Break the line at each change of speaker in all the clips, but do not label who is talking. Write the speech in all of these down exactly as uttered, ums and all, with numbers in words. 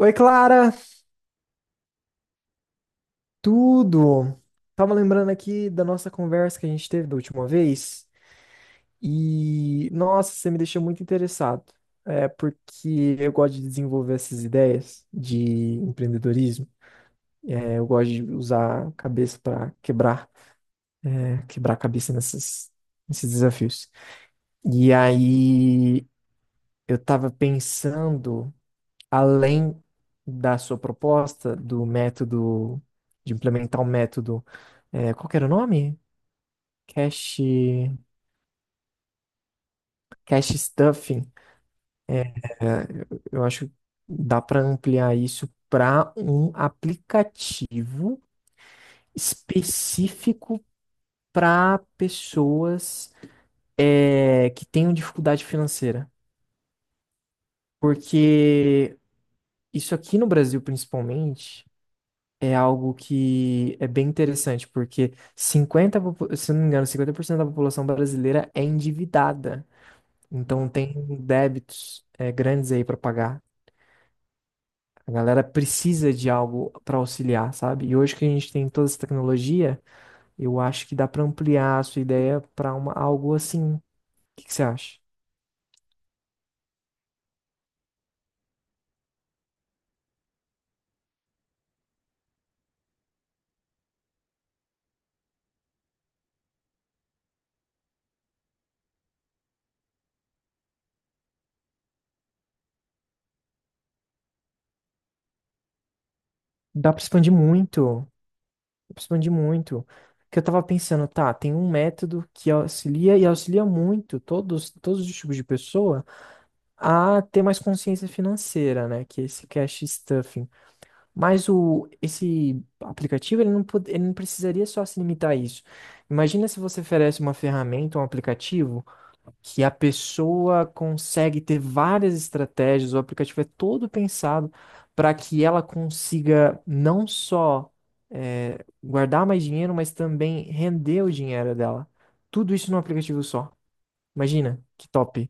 Oi, Clara, tudo? Tava lembrando aqui da nossa conversa que a gente teve da última vez e, nossa, você me deixou muito interessado. É porque eu gosto de desenvolver essas ideias de empreendedorismo. É, eu gosto de usar a cabeça para quebrar, é, quebrar a cabeça nessas, nesses desafios. E aí eu tava pensando além da sua proposta do método, de implementar um método, é, qual que era o nome? Cache, cache stuffing. É, eu eu acho que dá para ampliar isso para um aplicativo específico para pessoas é, que tenham dificuldade financeira. Porque isso aqui no Brasil, principalmente, é algo que é bem interessante, porque cinquenta popu- se eu não me engano, cinquenta por cento da população brasileira é endividada. Então tem débitos é, grandes aí para pagar. A galera precisa de algo para auxiliar, sabe? E hoje que a gente tem toda essa tecnologia, eu acho que dá para ampliar a sua ideia para uma algo assim. O que que você acha? Dá para expandir muito, dá para expandir muito. Porque eu tava pensando, tá, tem um método que auxilia e auxilia muito todos, todos os tipos de pessoa, a ter mais consciência financeira, né? Que é esse cash stuffing. Mas o, esse aplicativo, ele não, pod- ele não precisaria só se limitar a isso. Imagina se você oferece uma ferramenta, um aplicativo, que a pessoa consegue ter várias estratégias, o aplicativo é todo pensado para que ela consiga não só eh, guardar mais dinheiro, mas também render o dinheiro dela. Tudo isso num aplicativo só. Imagina, que top.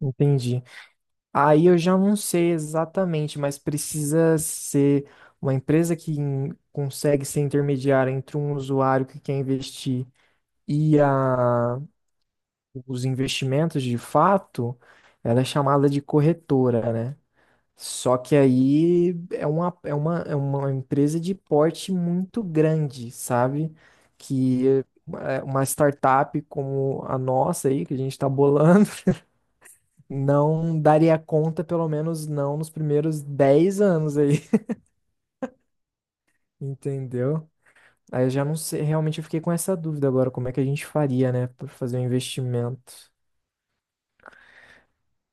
Entendi. Aí eu já não sei exatamente, mas precisa ser uma empresa que in- consegue ser intermediária entre um usuário que quer investir e a, os investimentos de fato. Ela é chamada de corretora, né? Só que aí é uma, é uma, é uma empresa de porte muito grande, sabe? Que é uma startup como a nossa aí, que a gente está bolando não daria conta, pelo menos não nos primeiros dez anos aí, entendeu? Aí eu já não sei, realmente eu fiquei com essa dúvida agora, como é que a gente faria, né, para fazer um investimento?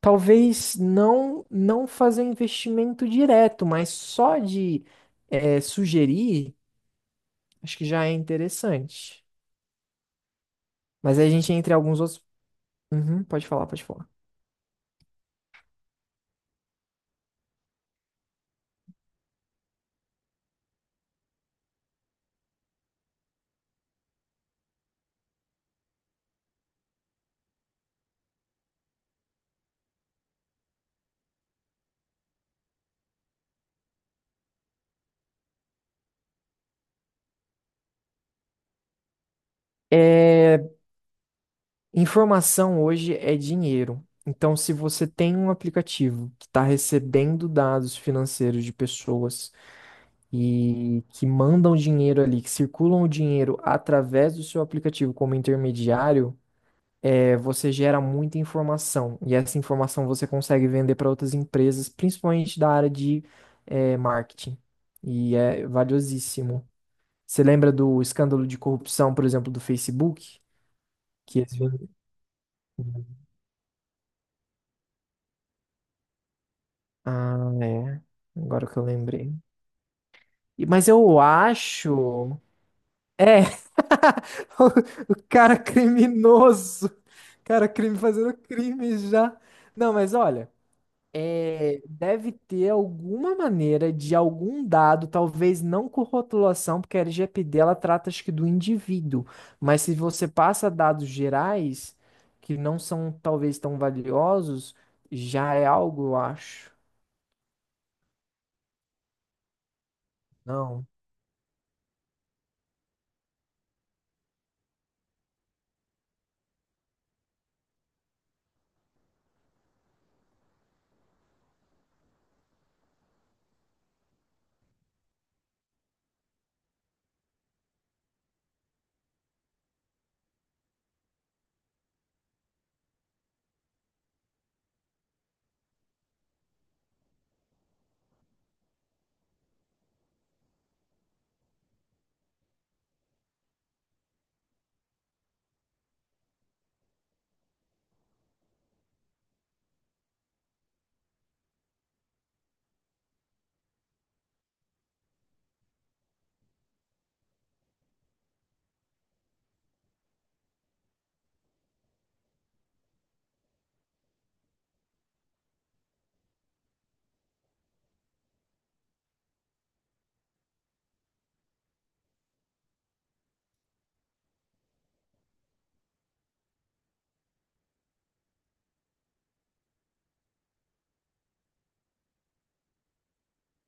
Talvez não não fazer um investimento direto, mas só de eh, sugerir, acho que já é interessante. Mas aí a gente entra em alguns outros. Uhum, pode falar, pode falar. Eh, Informação hoje é dinheiro. Então, se você tem um aplicativo que está recebendo dados financeiros de pessoas e que mandam dinheiro ali, que circulam o dinheiro através do seu aplicativo como intermediário, é, você gera muita informação. E essa informação você consegue vender para outras empresas, principalmente da área de, é, marketing. E é valiosíssimo. Você lembra do escândalo de corrupção, por exemplo, do Facebook? Que eles vêm- Ah, é. Agora que eu lembrei. E- Mas eu acho. É. O o cara criminoso. Cara, crime fazendo crime já. Não, mas olha. é, deve ter alguma maneira de algum dado, talvez não com rotulação, porque a L G P D ela trata acho que do indivíduo. Mas se você passa dados gerais, que não são talvez tão valiosos, já é algo, eu acho. Não.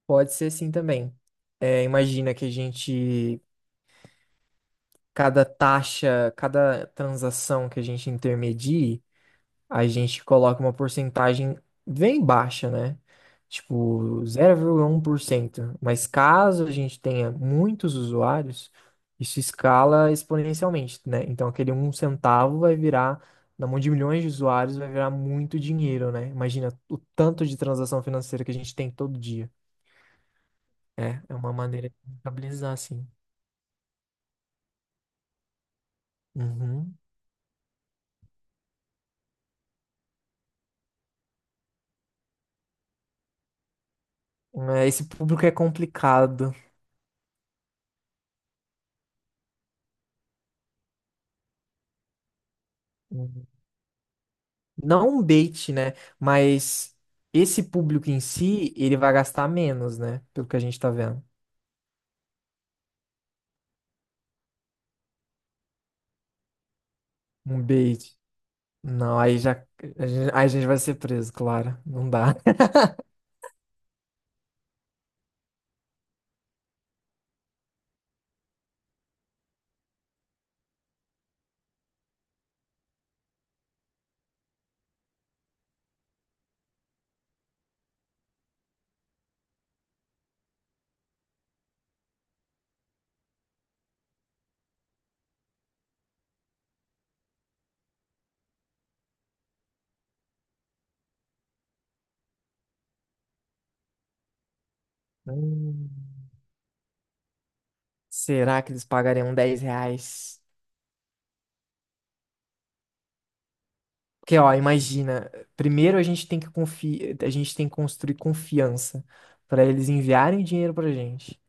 Pode ser sim também. É, imagina que a gente, cada taxa, cada transação que a gente intermedie, a gente coloca uma porcentagem bem baixa, né? Tipo zero vírgula um por cento. Mas caso a gente tenha muitos usuários, isso escala exponencialmente, né? Então aquele um centavo vai virar, na mão de milhões de usuários, vai virar muito dinheiro, né? Imagina o tanto de transação financeira que a gente tem todo dia. É, é uma maneira de estabilizar, assim. Uhum. É, Esse público é complicado. Uhum. Não um bait, né? Mas esse público em si, ele vai gastar menos, né? Pelo que a gente tá vendo. Um bait. Não, aí já. A gente, aí a gente vai ser preso, claro. Não dá. Hum. Será que eles pagariam dez reais? Porque, ó, imagina. Primeiro a gente tem que confi... a gente tem que construir confiança para eles enviarem dinheiro pra gente.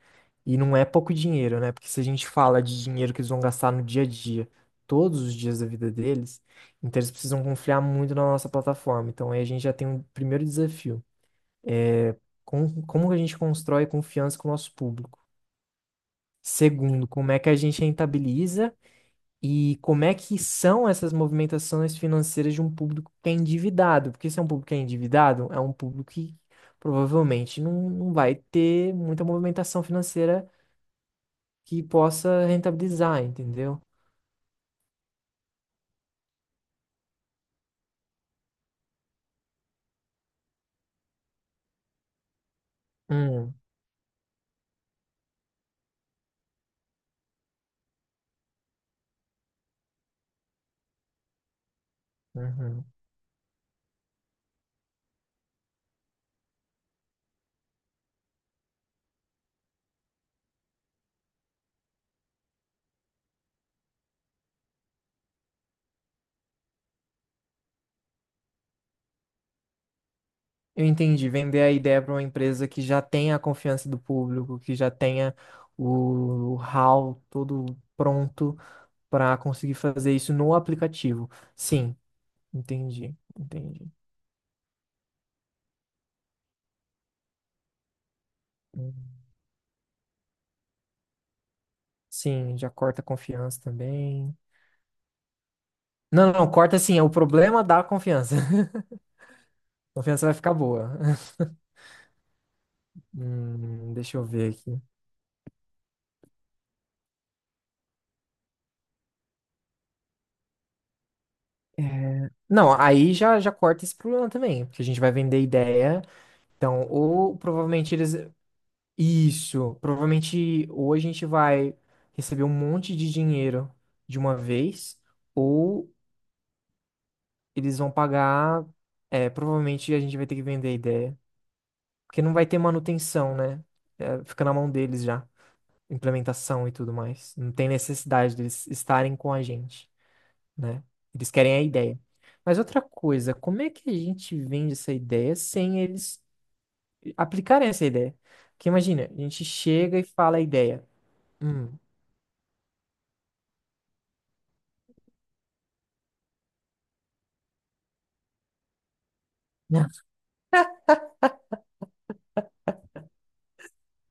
E não é pouco dinheiro, né? Porque se a gente fala de dinheiro que eles vão gastar no dia a dia, todos os dias da vida deles, então eles precisam confiar muito na nossa plataforma. Então aí a gente já tem um primeiro desafio. Com- Como, que a gente constrói confiança com o nosso público? Segundo, como é que a gente rentabiliza e como é que são essas movimentações financeiras de um público que é endividado? Porque se é um público que é endividado, é um público que provavelmente não, não vai ter muita movimentação financeira que possa rentabilizar, entendeu? Hum, uhum. Eu entendi. Vender a ideia para uma empresa que já tenha a confiança do público, que já tenha o how todo pronto para conseguir fazer isso no aplicativo. Sim, entendi, entendi. Hum. Sim, já corta a confiança também. Não, não, corta sim, é o problema da confiança. Confiança vai ficar boa. Hum, deixa eu ver aqui. É, Não, aí já, já corta esse problema também, porque a gente vai vender ideia. Então, ou provavelmente eles. Isso, provavelmente ou a gente vai receber um monte de dinheiro de uma vez, ou eles vão pagar. É, provavelmente a gente vai ter que vender a ideia, porque não vai ter manutenção, né? É, fica na mão deles já, implementação e tudo mais. Não tem necessidade deles estarem com a gente, né? Eles querem a ideia. Mas outra coisa, como é que a gente vende essa ideia sem eles aplicarem essa ideia? Porque imagina, a gente chega e fala a ideia. Hum.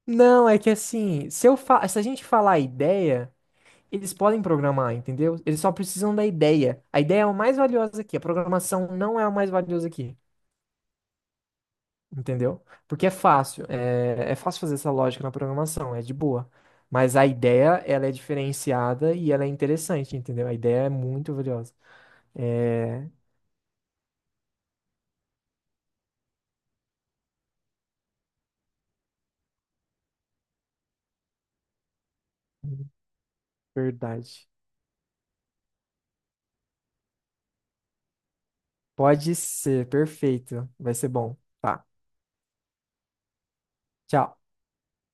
Não, é que assim, se eu fa... se a gente falar a ideia, eles podem programar, entendeu? Eles só precisam da ideia. A ideia é o mais valioso aqui, a programação não é o mais valioso aqui, entendeu? Porque é fácil, é, é fácil fazer essa lógica na programação, é de boa. Mas a ideia, ela é diferenciada e ela é interessante, entendeu? A ideia é muito valiosa. É verdade. Pode ser, perfeito. Vai ser bom. Tá. Tchau.